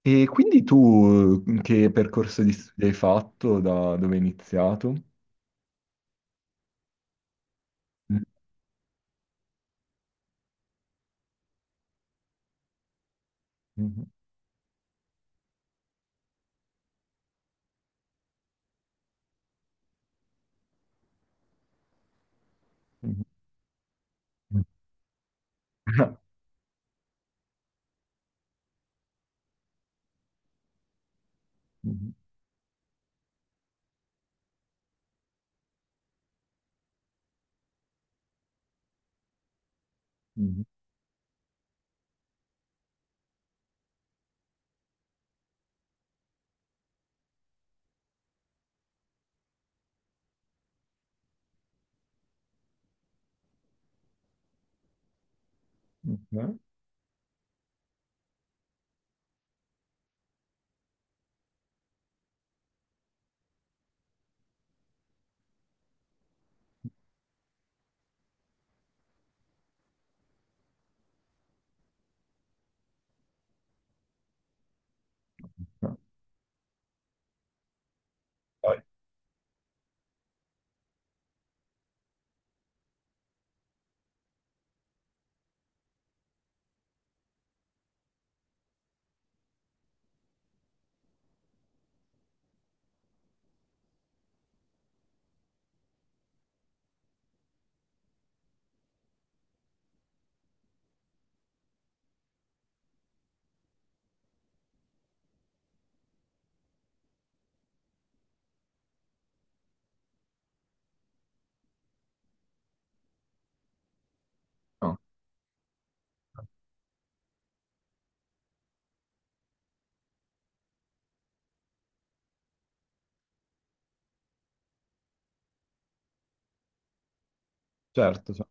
E quindi tu che percorso di studi hai fatto, da dove hai iniziato? Mhm, mhm, mhm, mhm, mhm. mhm. No, no, Poi, no. Certo, certo.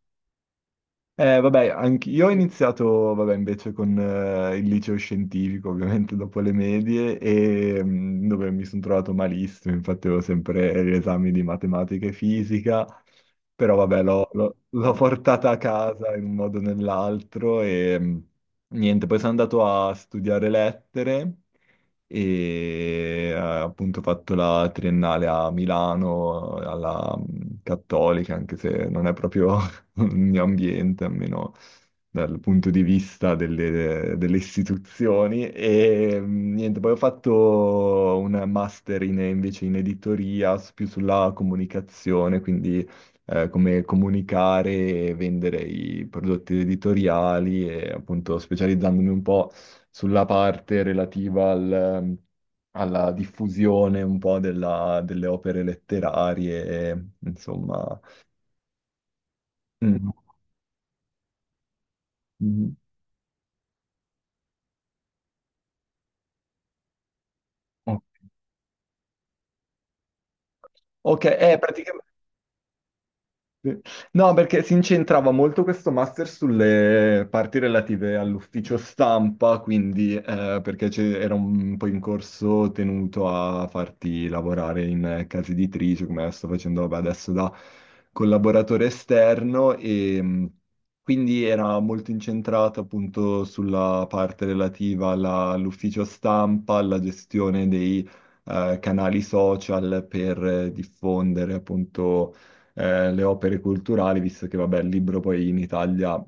Vabbè, anche io ho iniziato, vabbè, invece con il liceo scientifico, ovviamente dopo le medie, e, dove mi sono trovato malissimo, infatti avevo sempre gli esami di matematica e fisica, però vabbè, l'ho portata a casa in un modo o nell'altro e niente, poi sono andato a studiare lettere e appunto ho fatto la triennale a Milano, alla Cattolica, anche se non è proprio ogni ambiente, almeno dal punto di vista delle istituzioni. E niente, poi ho fatto invece in editoria, più sulla comunicazione, quindi come comunicare e vendere i prodotti editoriali e appunto specializzandomi un po' sulla parte alla diffusione un po' delle opere letterarie, insomma. Mm. mm-hmm. Ok, ok, praticamente. Sì. No, perché si incentrava molto questo master sulle parti relative all'ufficio stampa, quindi perché era un po' in corso tenuto a farti lavorare in case editrici, come sto facendo vabbè, adesso da collaboratore esterno, e quindi era molto incentrata appunto sulla parte relativa all'ufficio stampa, alla gestione dei canali social per diffondere appunto le opere culturali, visto che, vabbè, il libro poi in Italia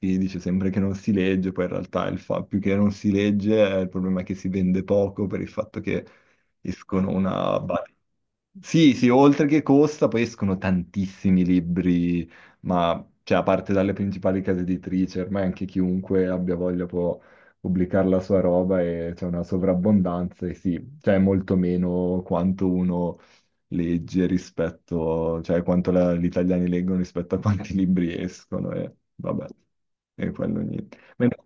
si dice sempre che non si legge, poi in realtà più che non si legge, il problema è che si vende poco per il fatto che escono Sì, sì, oltre che costa, poi escono tantissimi libri, ma cioè, a parte dalle principali case editrici, ormai anche chiunque abbia voglia può pubblicare la sua roba e c'è una sovrabbondanza e sì, cioè è molto meno quanto uno legge rispetto, cioè quanto gli italiani leggono rispetto a quanti libri escono e vabbè, e quello niente.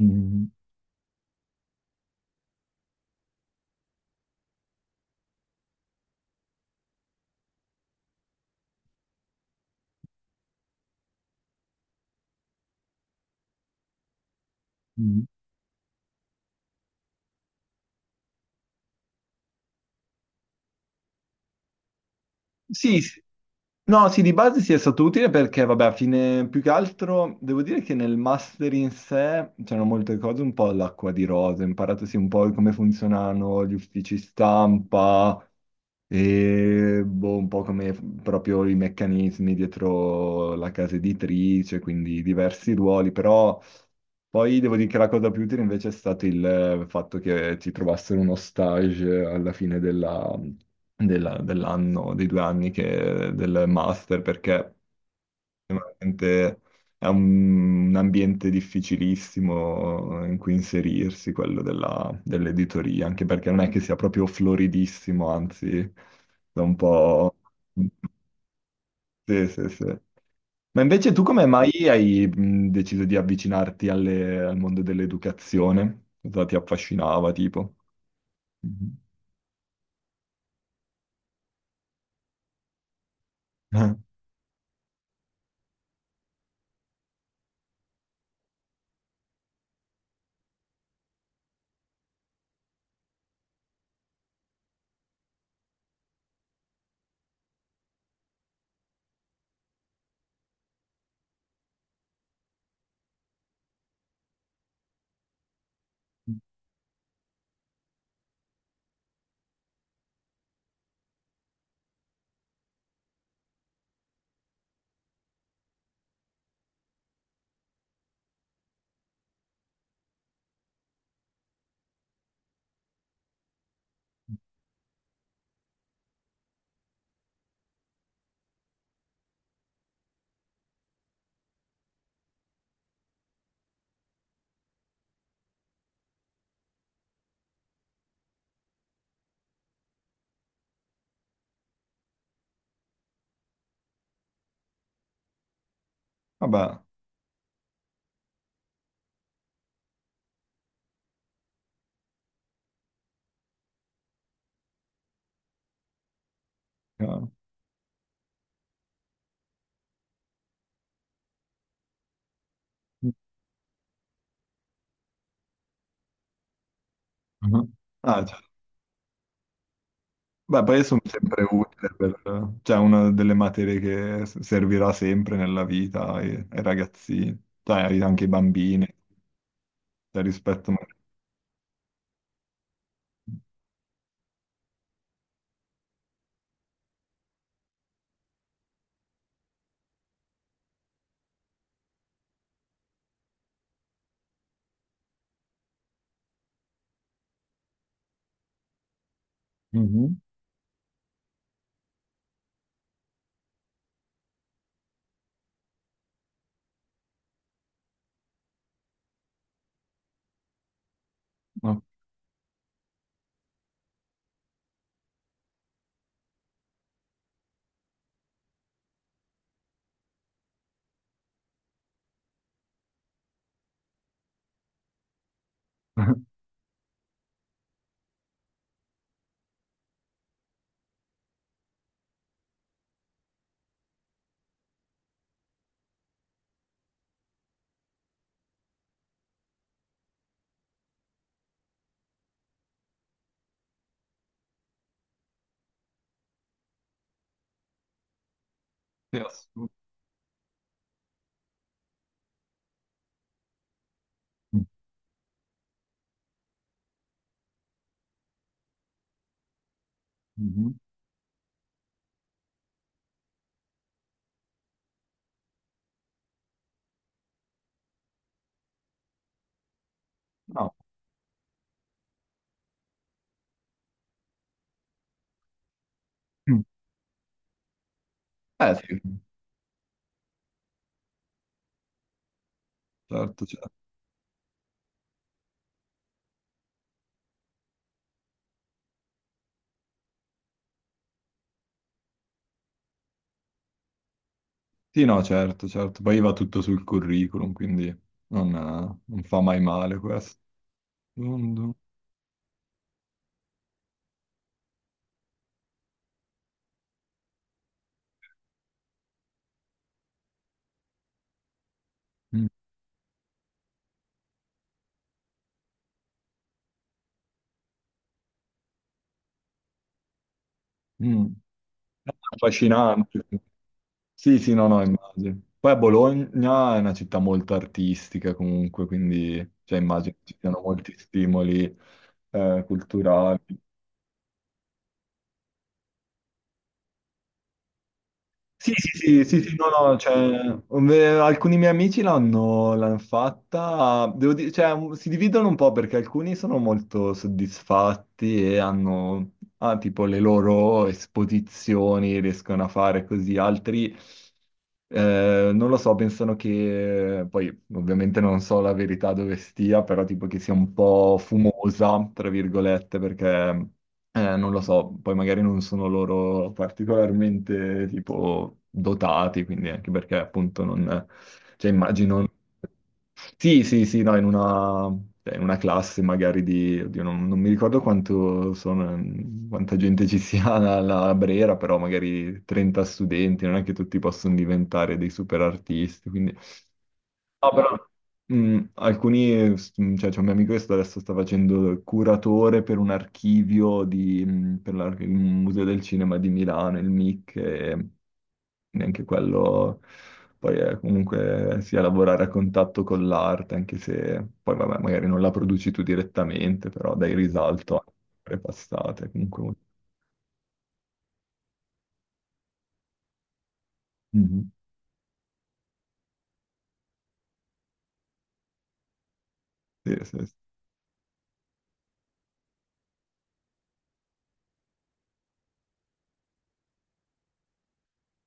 Mm, mm. Sì, sì. No, sì, di base sì è stato utile perché, vabbè, a fine, più che altro, devo dire che nel master in sé c'erano molte cose, un po' all'acqua di rose, ho imparato sì un po' come funzionano gli uffici stampa e boh, un po' come proprio i meccanismi dietro la casa editrice, quindi diversi ruoli, però... Poi devo dire che la cosa più utile invece è stato il fatto che ti trovassero uno stage alla fine dell'anno, dei due anni che- del master, perché veramente è un ambiente difficilissimo in cui inserirsi, quello dell'editoria, anche perché non è che sia proprio floridissimo, anzi, da un po'... Sì, sì, sì. Ma invece tu come mai hai deciso di avvicinarti al mondo dell'educazione? Cosa ti affascinava, tipo? Mhm. Eh, vabbè. Chiaro. Mhm. Ah, cioè, beh, poi sono sempre utile per... Cioè, una delle materie che servirà sempre nella vita ai ragazzini, cioè anche ai bambini, cioè, rispetto... Mhm. No. Sì, assolutamente. Mhm. No. Eh sì, certo, certo. Sì, no, certo, certo. Poi va tutto sul curriculum, quindi non, non fa mai male questo. Mondo. Mm, mm. È affascinante. Sì, sì, no, no, immagino. Poi Bologna è una città molto artistica comunque, quindi cioè, immagino ci siano molti stimoli culturali. Sì, sì, sì, sì, sì, no, no, cioè, alcuni miei amici l'hanno fatta, devo dire, cioè, si dividono un po' perché alcuni sono molto soddisfatti e hanno, ah, tipo, le loro esposizioni, riescono a fare così, altri, non lo so, pensano che, poi ovviamente non so la verità dove stia, però tipo che sia un po' fumosa, tra virgolette, perché... non lo so, poi magari non sono loro particolarmente tipo dotati, quindi anche perché appunto non... cioè immagino... Sì, sì, sì, no, in una, cioè, in una classe magari di... oddio, non mi ricordo quanto sono, quanta gente ci sia alla Brera, però magari 30 studenti, non è che tutti possono diventare dei super artisti, quindi no, però alcuni, cioè c'è un mio amico che adesso sta facendo il curatore per un archivio di, per il Museo del Cinema di Milano, il MIC, e neanche quello, poi è comunque sia lavorare a contatto con l'arte, anche se poi vabbè, magari non la produci tu direttamente, però dai risalto a opere passate, comunque. Mhm. Sì, sì, sì.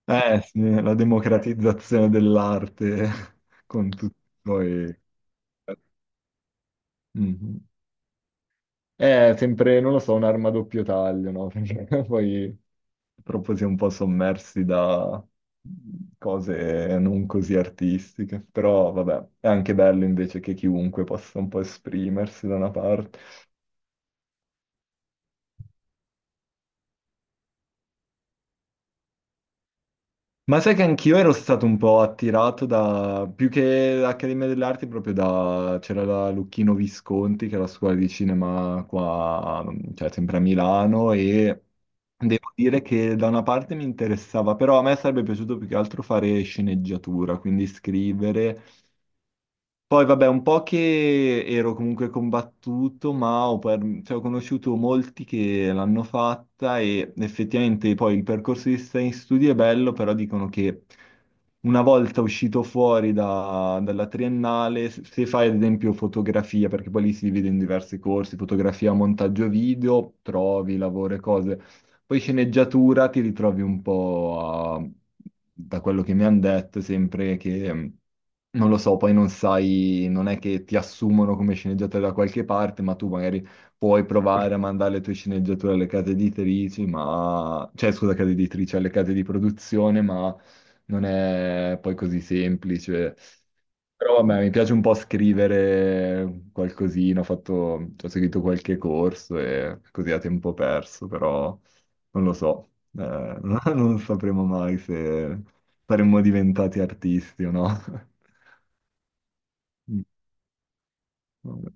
Eh sì, la democratizzazione dell'arte con tutti i suoi... Mhm. È sempre, non lo so, un'arma a doppio taglio, no? Perché poi purtroppo si è un po' sommersi da cose non così artistiche, però vabbè, è anche bello invece che chiunque possa un po' esprimersi da una parte. Ma sai che anch'io ero stato un po' attirato da, più che l'Accademia delle Arti, proprio da, c'era la Lucchino Visconti, che è la scuola di cinema qua, cioè sempre a Milano, e devo dire che da una parte mi interessava, però a me sarebbe piaciuto più che altro fare sceneggiatura, quindi scrivere, poi vabbè, un po' che ero comunque combattuto, ma ho, cioè, ho conosciuto molti che l'hanno fatta e effettivamente poi il percorso di stare in studio è bello, però dicono che una volta uscito fuori dalla triennale, se se fai ad esempio fotografia, perché poi lì si divide in diversi corsi, fotografia, montaggio video, trovi lavoro e cose. Poi sceneggiatura ti ritrovi un po' da quello che mi hanno detto, sempre che... Non lo so, poi non sai, non è che ti assumono come sceneggiatore da qualche parte, ma tu magari puoi provare a mandare le tue sceneggiature alle case editrici, ma... cioè scusa, case editrici, alle case di produzione, ma non è poi così semplice. Però vabbè, mi piace un po' scrivere qualcosina, ho fatto... ho seguito qualche corso e così a tempo perso, però non lo so, eh, non sapremo mai se saremmo diventati artisti o no. Mm, vabbè.